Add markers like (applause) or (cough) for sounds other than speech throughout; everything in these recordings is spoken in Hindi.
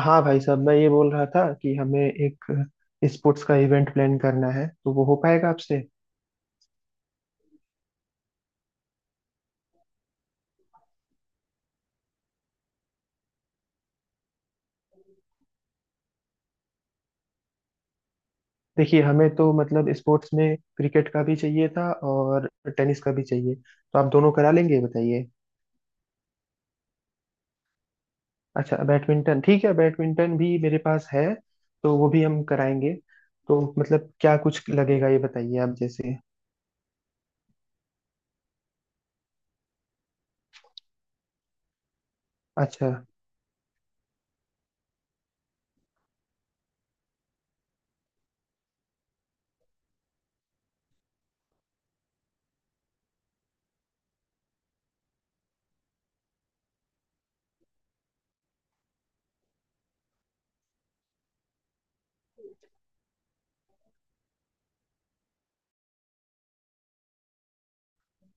हाँ भाई साहब, मैं ये बोल रहा था कि हमें एक स्पोर्ट्स का इवेंट प्लान करना है, तो वो हो पाएगा आपसे। देखिए, हमें तो मतलब स्पोर्ट्स में क्रिकेट का भी चाहिए था और टेनिस का भी चाहिए, तो आप दोनों करा लेंगे बताइए। अच्छा, बैडमिंटन ठीक है, बैडमिंटन भी मेरे पास है, तो वो भी हम कराएंगे। तो मतलब क्या कुछ लगेगा ये बताइए आप जैसे। अच्छा।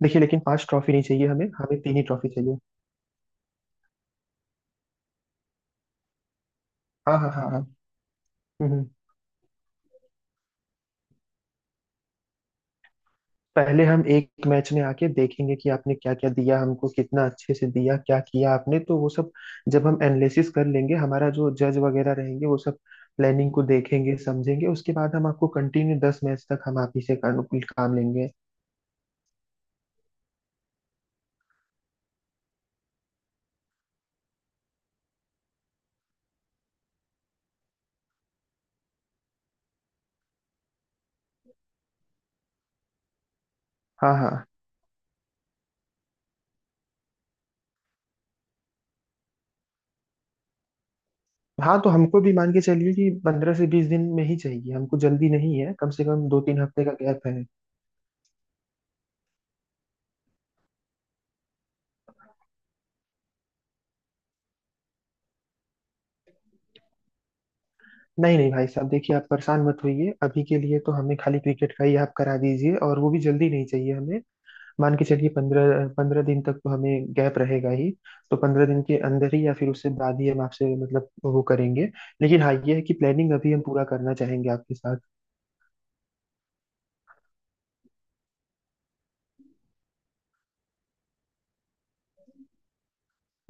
देखिए लेकिन 5 ट्रॉफी नहीं चाहिए हमें, हमें 3 ही ट्रॉफी चाहिए। हाँ हाँ हाँ हाँ। हम्म हम्म। पहले हम एक मैच में आके देखेंगे कि आपने क्या क्या दिया हमको, कितना अच्छे से दिया, क्या किया आपने, तो वो सब जब हम एनालिसिस कर लेंगे, हमारा जो जज वगैरह रहेंगे वो सब प्लानिंग को देखेंगे समझेंगे, उसके बाद हम आपको कंटिन्यू 10 मैच तक हम आप ही से काम लेंगे। हाँ हाँ। हाँ तो हमको भी मान के चलिए कि 15 से 20 दिन में ही चाहिए, हमको जल्दी नहीं है, कम से कम 2 3 हफ्ते का गैप है। नहीं नहीं भाई साहब, देखिए आप परेशान मत होइए, अभी के लिए तो हमें खाली क्रिकेट का ही आप करा दीजिए, और वो भी जल्दी नहीं चाहिए हमें। मान के चलिए 15 15 दिन तक तो हमें गैप रहेगा ही। तो 15 दिन के अंदर ही या फिर उससे बाद ही हम आपसे मतलब वो करेंगे। लेकिन हाँ ये है कि प्लानिंग अभी हम पूरा करना चाहेंगे आपके साथ।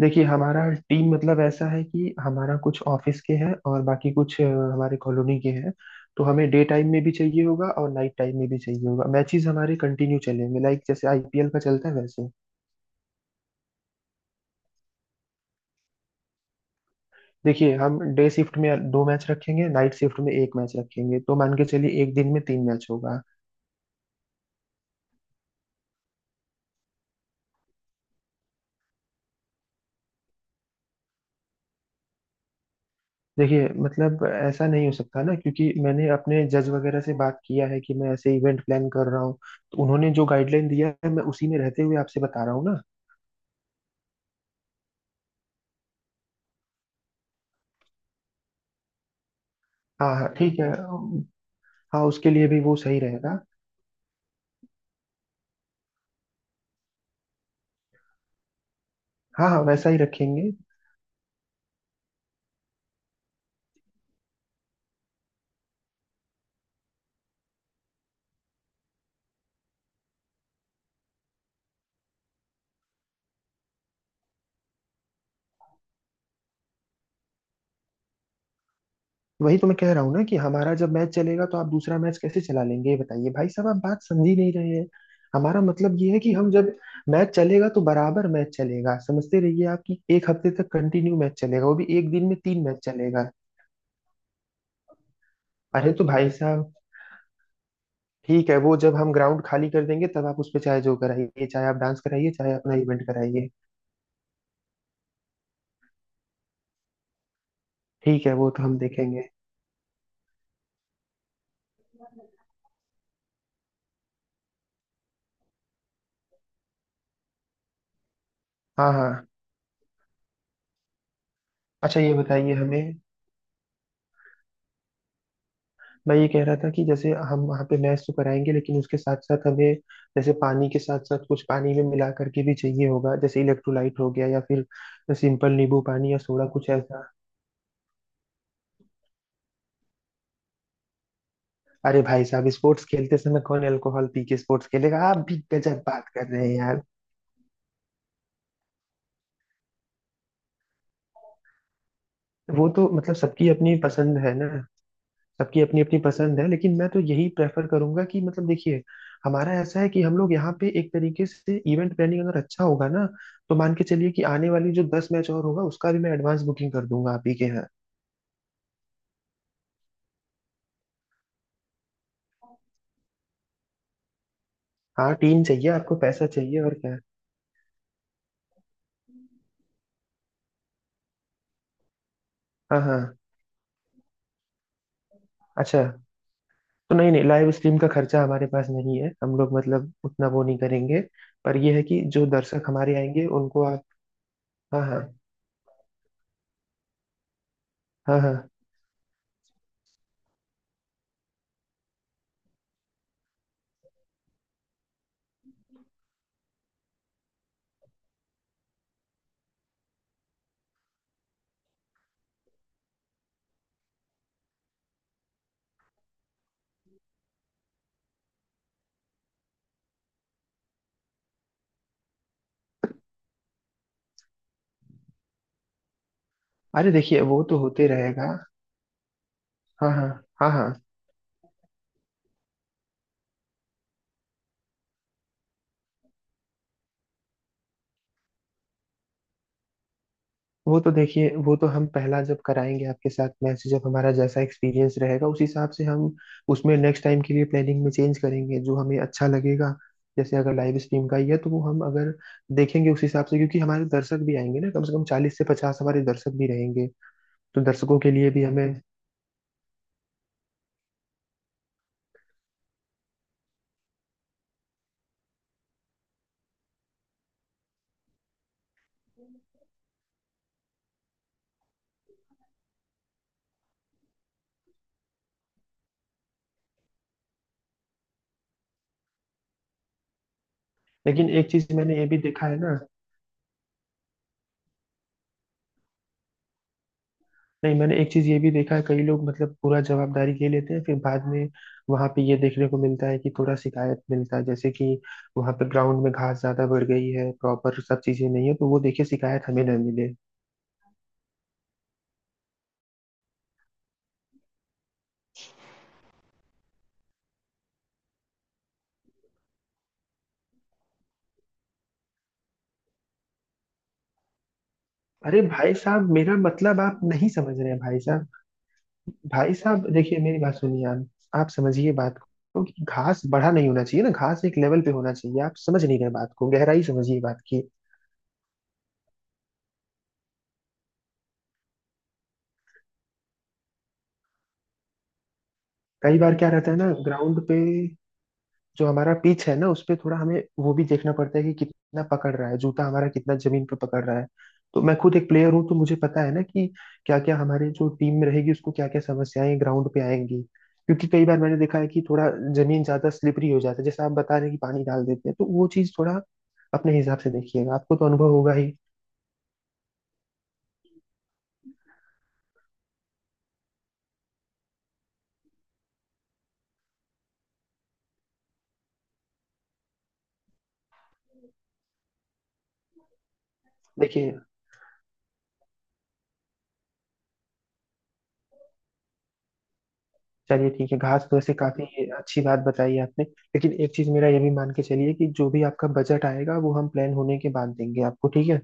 देखिए हमारा टीम मतलब ऐसा है कि हमारा कुछ ऑफिस के हैं और बाकी कुछ हमारे कॉलोनी के हैं। तो हमें डे टाइम में भी चाहिए होगा और नाइट टाइम में भी चाहिए होगा, मैचेस हमारे कंटिन्यू चलेंगे, लाइक जैसे आईपीएल का चलता है वैसे। देखिए हम डे शिफ्ट में 2 मैच रखेंगे, नाइट शिफ्ट में एक मैच रखेंगे, तो मान के चलिए एक दिन में 3 मैच होगा। देखिए मतलब ऐसा नहीं हो सकता ना, क्योंकि मैंने अपने जज वगैरह से बात किया है कि मैं ऐसे इवेंट प्लान कर रहा हूँ, तो उन्होंने जो गाइडलाइन दिया है मैं उसी में रहते हुए आपसे बता रहा हूँ ना। हाँ हाँ ठीक है। हाँ उसके लिए भी वो सही रहेगा। हाँ हाँ वैसा ही रखेंगे। वही तो मैं कह रहा हूँ ना कि हमारा जब मैच चलेगा तो आप दूसरा मैच कैसे चला लेंगे, ये बताइए भाई साहब, आप बात समझ ही नहीं रहे हैं। हमारा मतलब ये है कि हम जब मैच चलेगा तो बराबर मैच चलेगा, समझते रहिए आप, कि एक हफ्ते तक कंटिन्यू मैच चलेगा, वो भी एक दिन में 3 मैच चलेगा। अरे तो भाई साहब, ठीक है वो जब हम ग्राउंड खाली कर देंगे तब आप उस पे चाहे जो कराइए, चाहे आप डांस कराइए, चाहे अपना इवेंट कराइए। ठीक है वो तो हम देखेंगे। हाँ हाँ। अच्छा ये बताइए हमें, मैं ये कह रहा था कि जैसे हम वहाँ पे मैच तो कराएंगे लेकिन उसके साथ साथ हमें, जैसे पानी के साथ साथ कुछ पानी में मिला करके भी चाहिए होगा, जैसे इलेक्ट्रोलाइट हो गया या फिर सिंपल नींबू पानी या सोडा कुछ ऐसा। अरे भाई साहब, स्पोर्ट्स खेलते समय कौन अल्कोहल पी के स्पोर्ट्स खेलेगा, आप भी गजब बात कर रहे हैं यार। वो तो मतलब सबकी अपनी पसंद है ना। सबकी अपनी अपनी पसंद है, लेकिन मैं तो यही प्रेफर करूंगा कि मतलब देखिए, हमारा ऐसा है कि हम लोग यहाँ पे एक तरीके से इवेंट प्लानिंग अगर अच्छा होगा ना, तो मान के चलिए कि आने वाली जो 10 मैच और होगा उसका भी मैं एडवांस बुकिंग कर दूंगा आप ही के यहाँ। हाँ टीम चाहिए आपको, पैसा चाहिए, और क्या। हाँ हाँ। अच्छा। तो नहीं नहीं, लाइव स्ट्रीम का खर्चा हमारे पास नहीं है, हम लोग मतलब उतना वो नहीं करेंगे। पर यह है कि जो दर्शक हमारे आएंगे उनको आप। हाँ हाँ। हाँ हाँ। अरे देखिए वो तो होते रहेगा। हाँ हाँ। हाँ हाँ। वो तो देखिए, वो तो हम पहला जब कराएंगे आपके साथ मैच, जब हमारा जैसा एक्सपीरियंस रहेगा, उस हिसाब से हम उसमें नेक्स्ट टाइम के लिए प्लानिंग में चेंज करेंगे जो हमें अच्छा लगेगा। जैसे अगर लाइव स्ट्रीम का ही है तो वो हम अगर देखेंगे उस हिसाब से, क्योंकि हमारे दर्शक भी आएंगे ना, कम से कम 40 से 50 हमारे दर्शक भी रहेंगे। तो दर्शकों के लिए भी हमें। लेकिन एक चीज मैंने ये भी देखा है ना, नहीं मैंने एक चीज ये भी देखा है, कई लोग मतलब पूरा जवाबदारी ले लेते हैं, फिर बाद में वहां पे ये देखने को मिलता है कि थोड़ा शिकायत मिलता है, जैसे कि वहां पे ग्राउंड में घास ज्यादा बढ़ गई है, प्रॉपर सब चीजें नहीं है, तो वो देखिए शिकायत हमें ना मिले। अरे भाई साहब मेरा मतलब आप नहीं समझ रहे हैं भाई साहब। भाई साहब देखिए मेरी बात सुनिए आप समझिए बात को, कि घास बढ़ा नहीं होना चाहिए ना, घास एक लेवल पे होना चाहिए, आप समझ नहीं रहे बात को, गहराई समझिए बात की। कई बार क्या रहता है ना, ग्राउंड पे जो हमारा पिच है ना, उस पे थोड़ा हमें वो भी देखना पड़ता है कि कितना पकड़ रहा है, जूता हमारा कितना जमीन पर पकड़ रहा है। तो मैं खुद एक प्लेयर हूँ तो मुझे पता है ना कि क्या क्या हमारे जो टीम में रहेगी उसको क्या क्या समस्याएं ग्राउंड पे आएंगी। क्योंकि कई बार मैंने देखा है कि थोड़ा जमीन ज्यादा स्लिपरी हो जाता है, जैसे आप बता रहे हैं कि पानी डाल देते हैं तो वो चीज थोड़ा अपने हिसाब से देखिएगा, आपको तो अनुभव होगा ही। देखिए चलिए ठीक है, घास तो ऐसे काफी अच्छी बात बताई है आपने, लेकिन एक चीज मेरा ये भी मान के चलिए कि जो भी आपका बजट आएगा वो हम प्लान होने के बाद देंगे आपको ठीक है।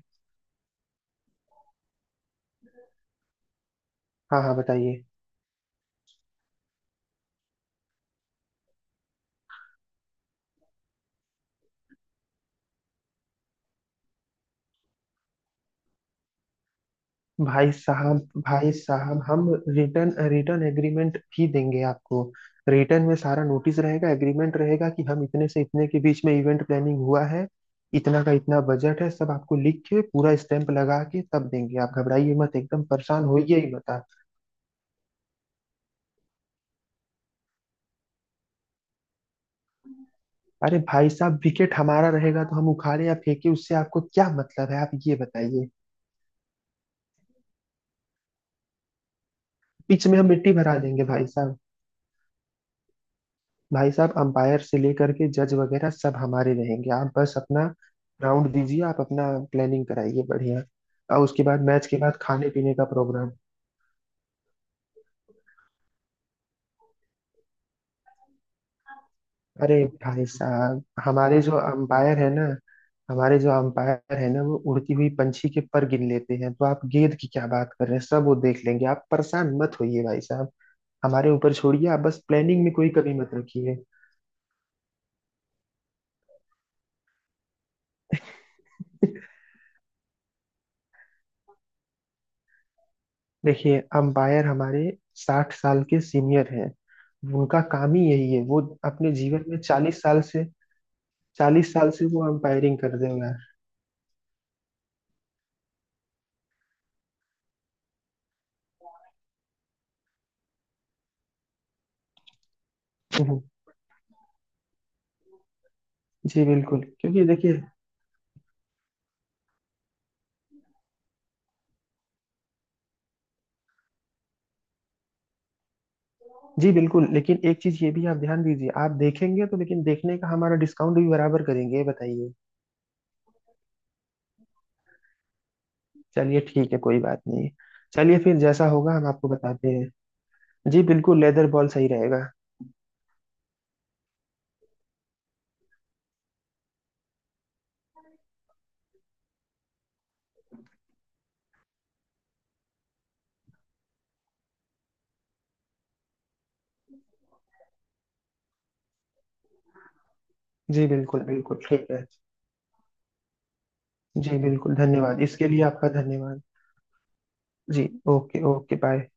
हाँ हाँ बताइए। भाई साहब भाई साहब हम रिटर्न रिटर्न एग्रीमेंट भी देंगे आपको, रिटर्न में सारा नोटिस रहेगा, एग्रीमेंट रहेगा कि हम इतने से इतने के बीच में इवेंट प्लानिंग हुआ है, इतना का इतना बजट है, सब आपको लिख के पूरा स्टैंप लगा के तब देंगे, आप घबराइए मत, एकदम परेशान होइए ही मत आप। अरे भाई साहब विकेट हमारा रहेगा तो हम उखाड़े या फेंके, उससे आपको क्या मतलब है, आप ये बताइए। पिच में हम मिट्टी भरा देंगे भाई साहब। भाई साहब अंपायर से लेकर के जज वगैरह सब हमारे रहेंगे, आप बस अपना राउंड दीजिए, आप अपना प्लानिंग कराइए बढ़िया। और उसके बाद मैच के बाद खाने पीने का प्रोग्राम। अरे भाई साहब हमारे जो अंपायर है ना, वो उड़ती हुई पंछी के पर गिन लेते हैं, तो आप गेंद की क्या बात कर रहे हैं, सब वो देख लेंगे, आप परेशान मत होइए भाई साहब, हमारे ऊपर छोड़िए, आप बस प्लानिंग में कोई कमी मत रखिए। देखिए अंपायर हमारे 60 साल के सीनियर हैं, उनका काम ही यही है, वो अपने जीवन में 40 साल से वो अंपायरिंग कर रहे हैं। यार (laughs) जी बिल्कुल, क्योंकि देखिए। जी बिल्कुल, लेकिन एक चीज ये भी आप ध्यान दीजिए, आप देखेंगे तो लेकिन देखने का हमारा डिस्काउंट भी बराबर करेंगे ये बताइए। चलिए ठीक है कोई बात नहीं। चलिए फिर जैसा होगा हम आपको बताते हैं। जी बिल्कुल, लेदर बॉल सही रहेगा। जी बिल्कुल बिल्कुल ठीक है। जी बिल्कुल धन्यवाद, इसके लिए आपका धन्यवाद। जी। Okay okay bye.